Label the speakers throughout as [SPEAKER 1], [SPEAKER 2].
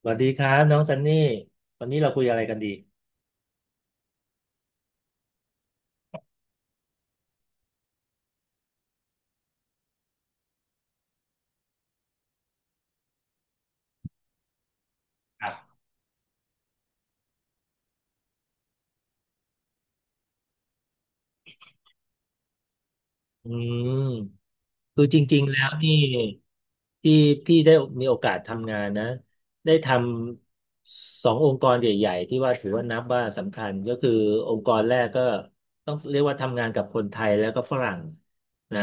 [SPEAKER 1] สวัสดีครับน้องซันนี่วันนี้เราคุยอะไรกันดีครับอืมคือจริงๆแล้วนี่ที่พี่ได้มีโอกาสทำงานนะได้ทำสององค์กรใหญ่ๆที่ว่าถือว่านับว่าสำคัญก็คือองค์กรแรกก็ต้องเรียกว่าทำงานกับคนไทยแล้วก็ฝรั่งนะ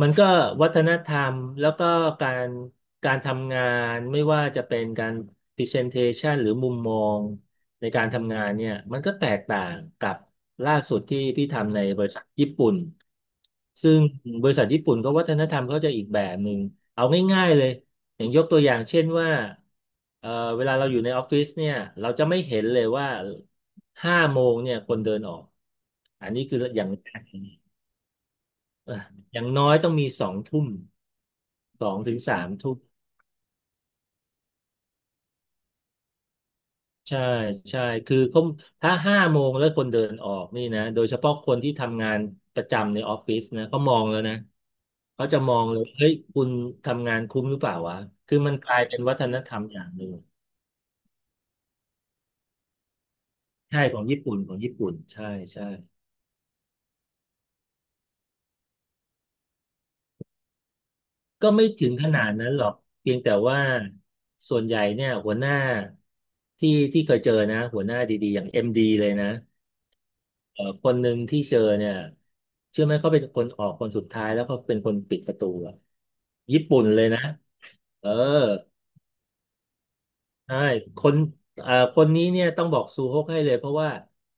[SPEAKER 1] มันก็วัฒนธรรมแล้วก็การการทำงานไม่ว่าจะเป็นการ presentation หรือมุมมองในการทำงานเนี่ยมันก็แตกต่างกับล่าสุดที่พี่ทำในบริษัทญี่ปุ่นซึ่งบริษัทญี่ปุ่นก็วัฒนธรรมเขาจะอีกแบบหนึ่งเอาง่ายๆเลยอย่างยกตัวอย่างเช่นว่าเอ่อเวลาเราอยู่ในออฟฟิศเนี่ยเราจะไม่เห็นเลยว่าห้าโมงเนี่ยคนเดินออกอันนี้คืออย่างแรก อ่ะอย่างน้อยต้องมีสองทุ่มสองถึงสามทุ่มใช่ใช่คือเขาถ้าห้าโมงแล้วคนเดินออกนี่นะโดยเฉพาะคนที่ทำงานประจำในออฟฟิศนะเขามองแล้วนะเขาจะมองเลยเฮ้ยคุณทำงานคุ้มหรือเปล่าวะคือมันกลายเป็นวัฒนธรรมอย่างหนึ่งใช่ของญี่ปุ่นของญี่ปุ่นใช่ใช่ก็ไม่ถึงขนาดนั้นหรอกเพียงแต่ว่าส่วนใหญ่เนี่ยหัวหน้าที่ที่เคยเจอนะหัวหน้าดีๆอย่างเอ็มดีเลยนะ คนหนึ่งที่เจอเนี่ยเชื่อไหมเขาเป็นคนออกคนสุดท้ายแล้วเขาเป็นคนปิดประตูอะญี่ปุ่นเลยนะเออใช่คนคนนี้เนี่ยต้องบอกซูฮกให้เลยเพราะว่า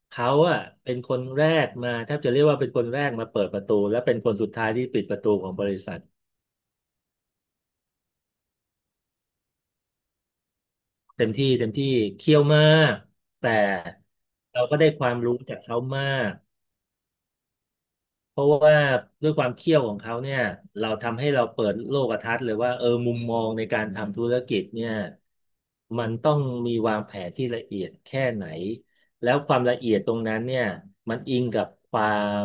[SPEAKER 1] เขาอะเป็นคนแรกมาแทบจะเรียกว่าเป็นคนแรกมาเปิดประตูและเป็นคนสุดท้ายที่ปิดประตูของบริษัทเต็มที่เต็มที่เคี่ยวมากแต่เราก็ได้ความรู้จากเขามาก เพราะว่าด้วยความเคี่ยวของเขาเนี่ยเราทำให้เราเปิดโลกทัศน์เลยว่าเออมุมมองในการทำธุรกิจเนี่ยมันต้องมีวางแผนที่ละเอียดแค่ไหนแล้วความละเอียดตรงนั้นเนี่ยมันอิงกับความ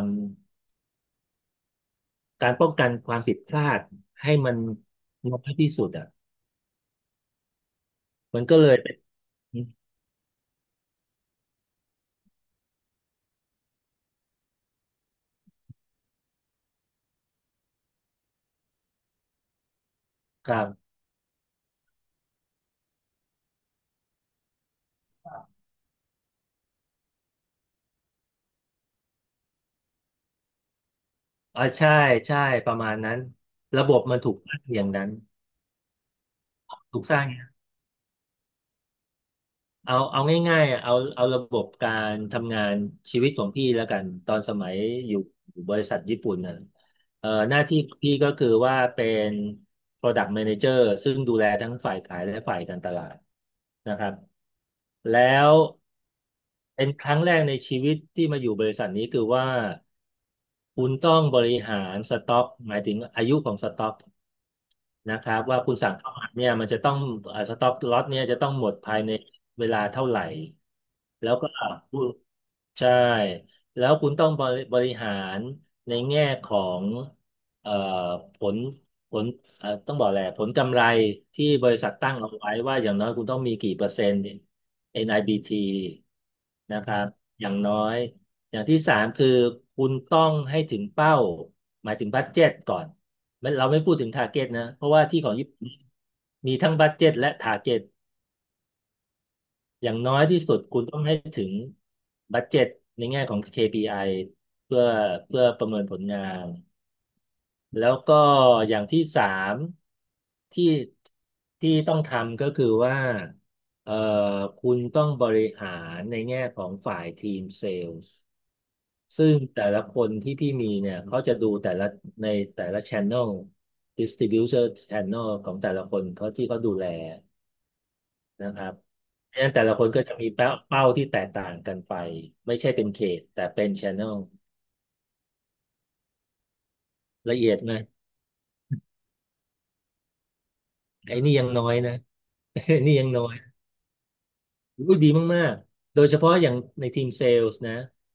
[SPEAKER 1] การป้องกันความผิดพลาดให้มันน้อยที่สุดอ่ะมันก็เลยเป็นครับอ๋อใช่ใช่ประมาณนั้นระบบมันถูกสร้างอย่างนั้นถูกสร้าง เอาง่ายๆอ่ะเอาระบบการทำงานชีวิตของพี่แล้วกันตอนสมัยอยู่อยู่บริษัทญี่ปุ่นน่ะหน้าที่พี่ก็คือว่าเป็น Product Manager ซึ่งดูแลทั้งฝ่ายขายและฝ่ายการตลาดนะครับแล้วเป็นครั้งแรกในชีวิตที่มาอยู่บริษัทนี้คือว่าคุณต้องบริหารสต็อกหมายถึงอายุของสต็อก นะครับว่าคุณสั่งเข้ามาเนี่ยมันจะต้องสต็อกล็อตเนี่ยจะต้องหมดภายในเวลาเท่าไหร่แล้วก็ผู้ใช่แล้วคุณต้องบริหารในแง่ของเอ่อผลผลเอ่อต้องบอกแหละไรผลกำไรที่บริษัทตั้งเอาไว้ว่าอย่างน้อยคุณต้องมีกี่เปอร์เซ็นต์ NIBT นไอบีทีนะครับอย่างน้อยอย่างที่สามคือคุณต้องให้ถึงเป้าหมายถึงบัดเจ็ตก่อน ไม่เราไม่พูดถึงทาร์เก็ตนะเพราะว่าที่ของญี่ปุ่นมีทั้งบัดเจ็ตและทาร์เก็ตอย่างน้อยที่สุดคุณต้องให้ถึงบัดเจ็ตในแง่ของ KPI เพื่อเพื่อประเมินผลงานแล้วก็อย่างที่สามที่ที่ต้องทำก็คือว่าเอ่อคุณต้องบริหารในแง่ของฝ่ายทีมเซลล์ ซึ่งแต่ละคนที่พี่มีเนี่ยเขาจะดูแต่ละในแต่ละ channel distributor channel ของแต่ละคนเขาที่เขาดูแลนะครับเพราะฉะนั้นแต่ละคนก็จะมีเป้าที่แตกต่างกันไปไม่ใช่เป็นเขตแต่เป็น channel ละเอียดไหมไอ้นี่ยังน้อยนะ ไอ้นี่ยังน้อย อุ๊ยดีมากๆ โดยเฉพาะอย่างในทีมเซลส์นะ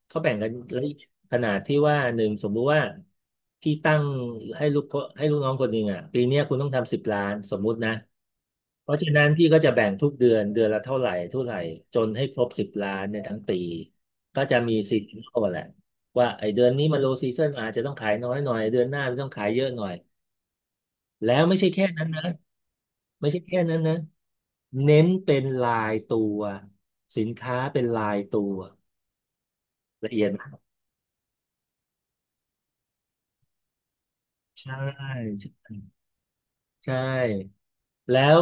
[SPEAKER 1] เขาแบ่งกันละเอียดขนาดที่ว่าหนึ่งสมมุติว่าพี่ตั้งให้ลูกน้องคนหนึ่งอ่ะปีเนี้ยคุณต้องทำสิบล้านสมมุตินะเพราะฉะนั้นพี่ก็จะแบ่งทุกเดือนเดือนละเท่าไหร่เท่าไหร่จนให้ครบสิบล้านในยทั้งปีก็จะมีซีซันอลแหละว่าไอเดือนนี้มันโลซีซันอาจจะต้องขายน้อยหน่อยเดือนหน้ามันต้องขายเยอะหน่อยแล้วไม่ใช่แค่นั้นนะ ไม่ใช่แค่นั้นนะเน้นเป็นลายตัวสินค้าเป็นลายตัวละเอียดมากใช่ใช่ใช่แล้ว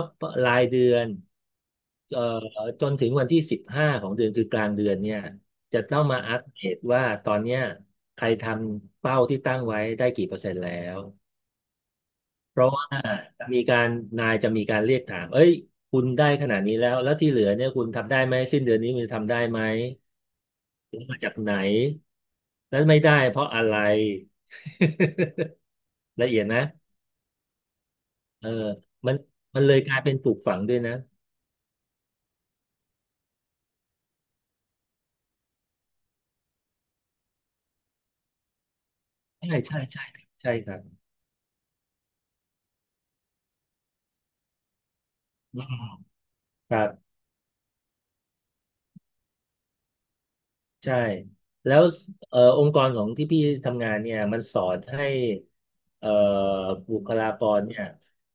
[SPEAKER 1] รายเดือนเอ่อจนถึงวันที่15ของเดือนคือกลางเดือนเนี่ยจะต้องมาอัปเดตว่าตอนเนี้ยใครทำเป้าที่ตั้งไว้ได้กี่%แล้วเพราะว่าจะมีการนายจะมีการเรียกถามเอ้ยคุณได้ขนาดนี้แล้วแล้วที่เหลือเนี่ยคุณทำได้ไหมสิ้นเดือนนี้คุณจะทำได้ไหม มาจากไหน แล้วไม่ได้เพราะอะไร ละเอียดนะเออมันมันเลยกลายเป็นปลูกฝังด้วยนะใช่ใช่ใช่ครับใช่ครับอืมครับใช่แล้วองค์กรของที่พี่ทำงานเนี่ยมันสอนให้เอ่อบุคลากรเนี่ย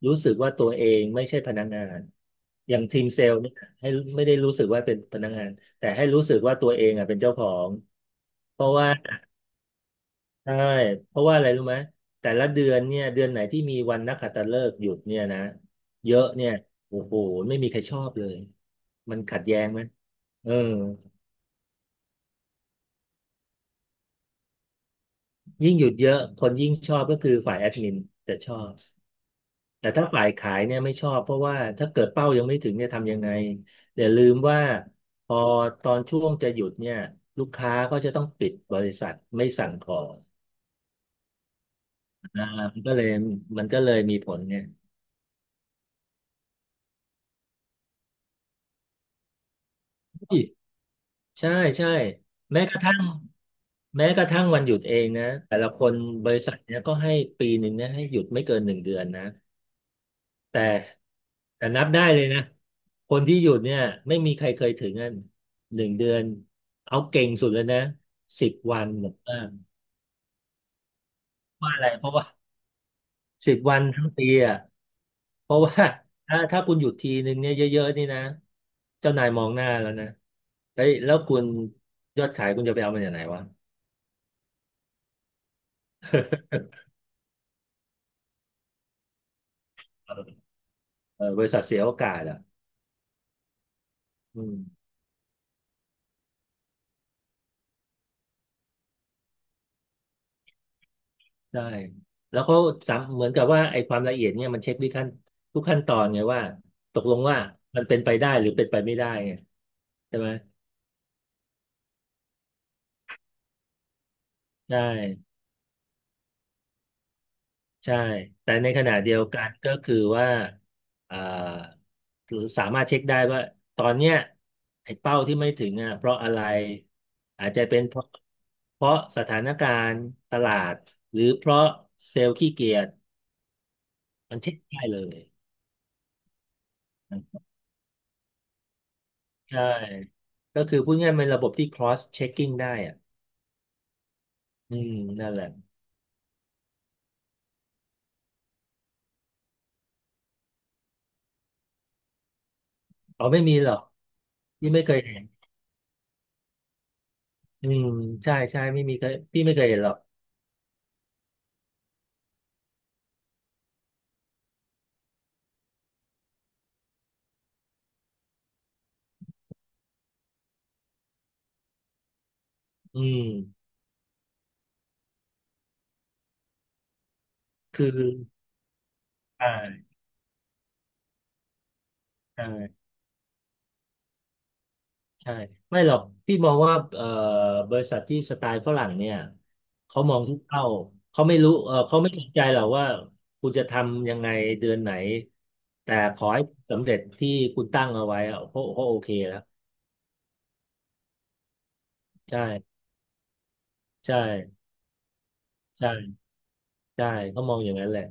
[SPEAKER 1] รู้สึกว่าตัวเองไม่ใช่พนักงานอย่างทีมเซลล์เนี่ยให้ไม่ได้รู้สึกว่าเป็นพนักงานแต่ให้รู้สึกว่าตัวเองอ่ะเป็นเจ้าของ เพราะว่า ใช่เพราะว่าอะไรรู้ไหมแต่ละเดือนเนี่ยเดือนไหนที่มีวันนักขัตฤกษ์หยุดเนี่ยนะเยอะเนี่ยโอ้โหไม่มีใครชอบเลย มันขัดแย้งไหมเออยิ่งหยุดเยอะ คนยิ่งชอบก็คือฝ่ายแอดมินจะชอบ แต่ถ้าฝ่ายขายเนี่ยไม่ชอบ เพราะว่าถ้าเกิดเป้ายังไม่ถึงเนี่ยทำยังไงอย่าลืมว่า พอตอนช่วงจะหยุดเนี่ยลูกค้าก็จะต้องปิดบริษัทไม่สั่งของอ่ามันก็เลยมันก็เลยมีผลเนี่ย ใช่ใช่แม้กระทั่งแม้กระทั่งวันหยุดเองนะแต่ละคนบริษัทเนี้ยก็ให้ปีหนึ่งเนี่ยให้หยุดไม่เกินหนึ่งเดือนนะแต่แต่นับได้เลยนะคนที่หยุดเนี่ยไม่มีใครเคยถึงอ่นหนึ่งเดือนเอาเก่งสุดเลยนะสิบวันหรือว่าว่าะอะไรเพราะว่าสิบวันทั้งปีอ่ะเพราะว่าถ้าคุณหยุดทีหนึ่งเนี่ยเยอะๆนี่นะเจ้านายมองหน้าแล้วนะเฮ้ยแล้วคุณยอดขายคุณจะไปเอามาจากไหนวะ เออบริษัทเสียโอกาสอ่ะอืมใช่แล้วก็สามเหมือนกับว่าไอ้ความละเอียดเนี่ยมันเช็คทุกขั้นทุกขั้นตอนไงว่าตกลงว่ามันเป็นไปได้หรือเป็นไปไม่ได้ไงใช่ไหมใช่ใช่แต่ในขณะเดียวกันก็คือว่าอ่าสามารถเช็คได้ว่าตอนเนี้ยไอ้เป้าที่ไม่ถึงอ่ะเพราะอะไรอาจจะเป็นเพราะสถานการณ์ตลาดหรือเพราะเซลล์ขี้เกียจมันเช็คได้เลย ใช่ ก็คือพูดง่ายๆเป็นระบบที่ cross checking ได้อ่ะอืมนั่นแหละอ๋อไม่มีหรอก พี่ไม่เคยเห็นอืมใช่ใช่ไม่มีเคยพี่ไม่เคยเห็นหรอกอืมคือใช่ใช่ใช่ไม่หรอกพี่มองว่าบริษัทที่สไตล์ฝรั่งเนี่ยเขามองทุกเป้าเขาไม่รู้เออเขาไม่สนใจหรอกว่าคุณจะทำยังไงเดือนไหน แต่ขอให้สำเร็จที่คุณตั้งเอาไว้อะเขาเขาโอเคแล้วใช่ใช่ใช่ ใช่เขามองอย่างนั้นแหละ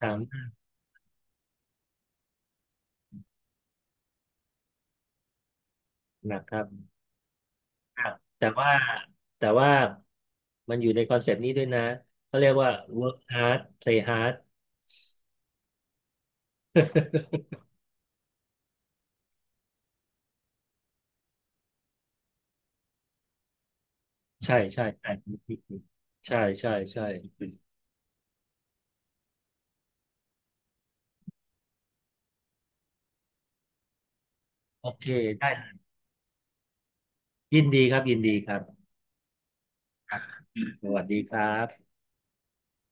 [SPEAKER 1] ถามหนักครับครับแต่ว่าแต่ว่ามันอยู่ในคอนเซปต์นี้ด้วยนะเขาเรียกว่า work hard play hard ใช่ใช่ใช่ใช่ใช่ใช่ใช่โอเคได้ยินดีครับยินดีครับสวัสดีครับ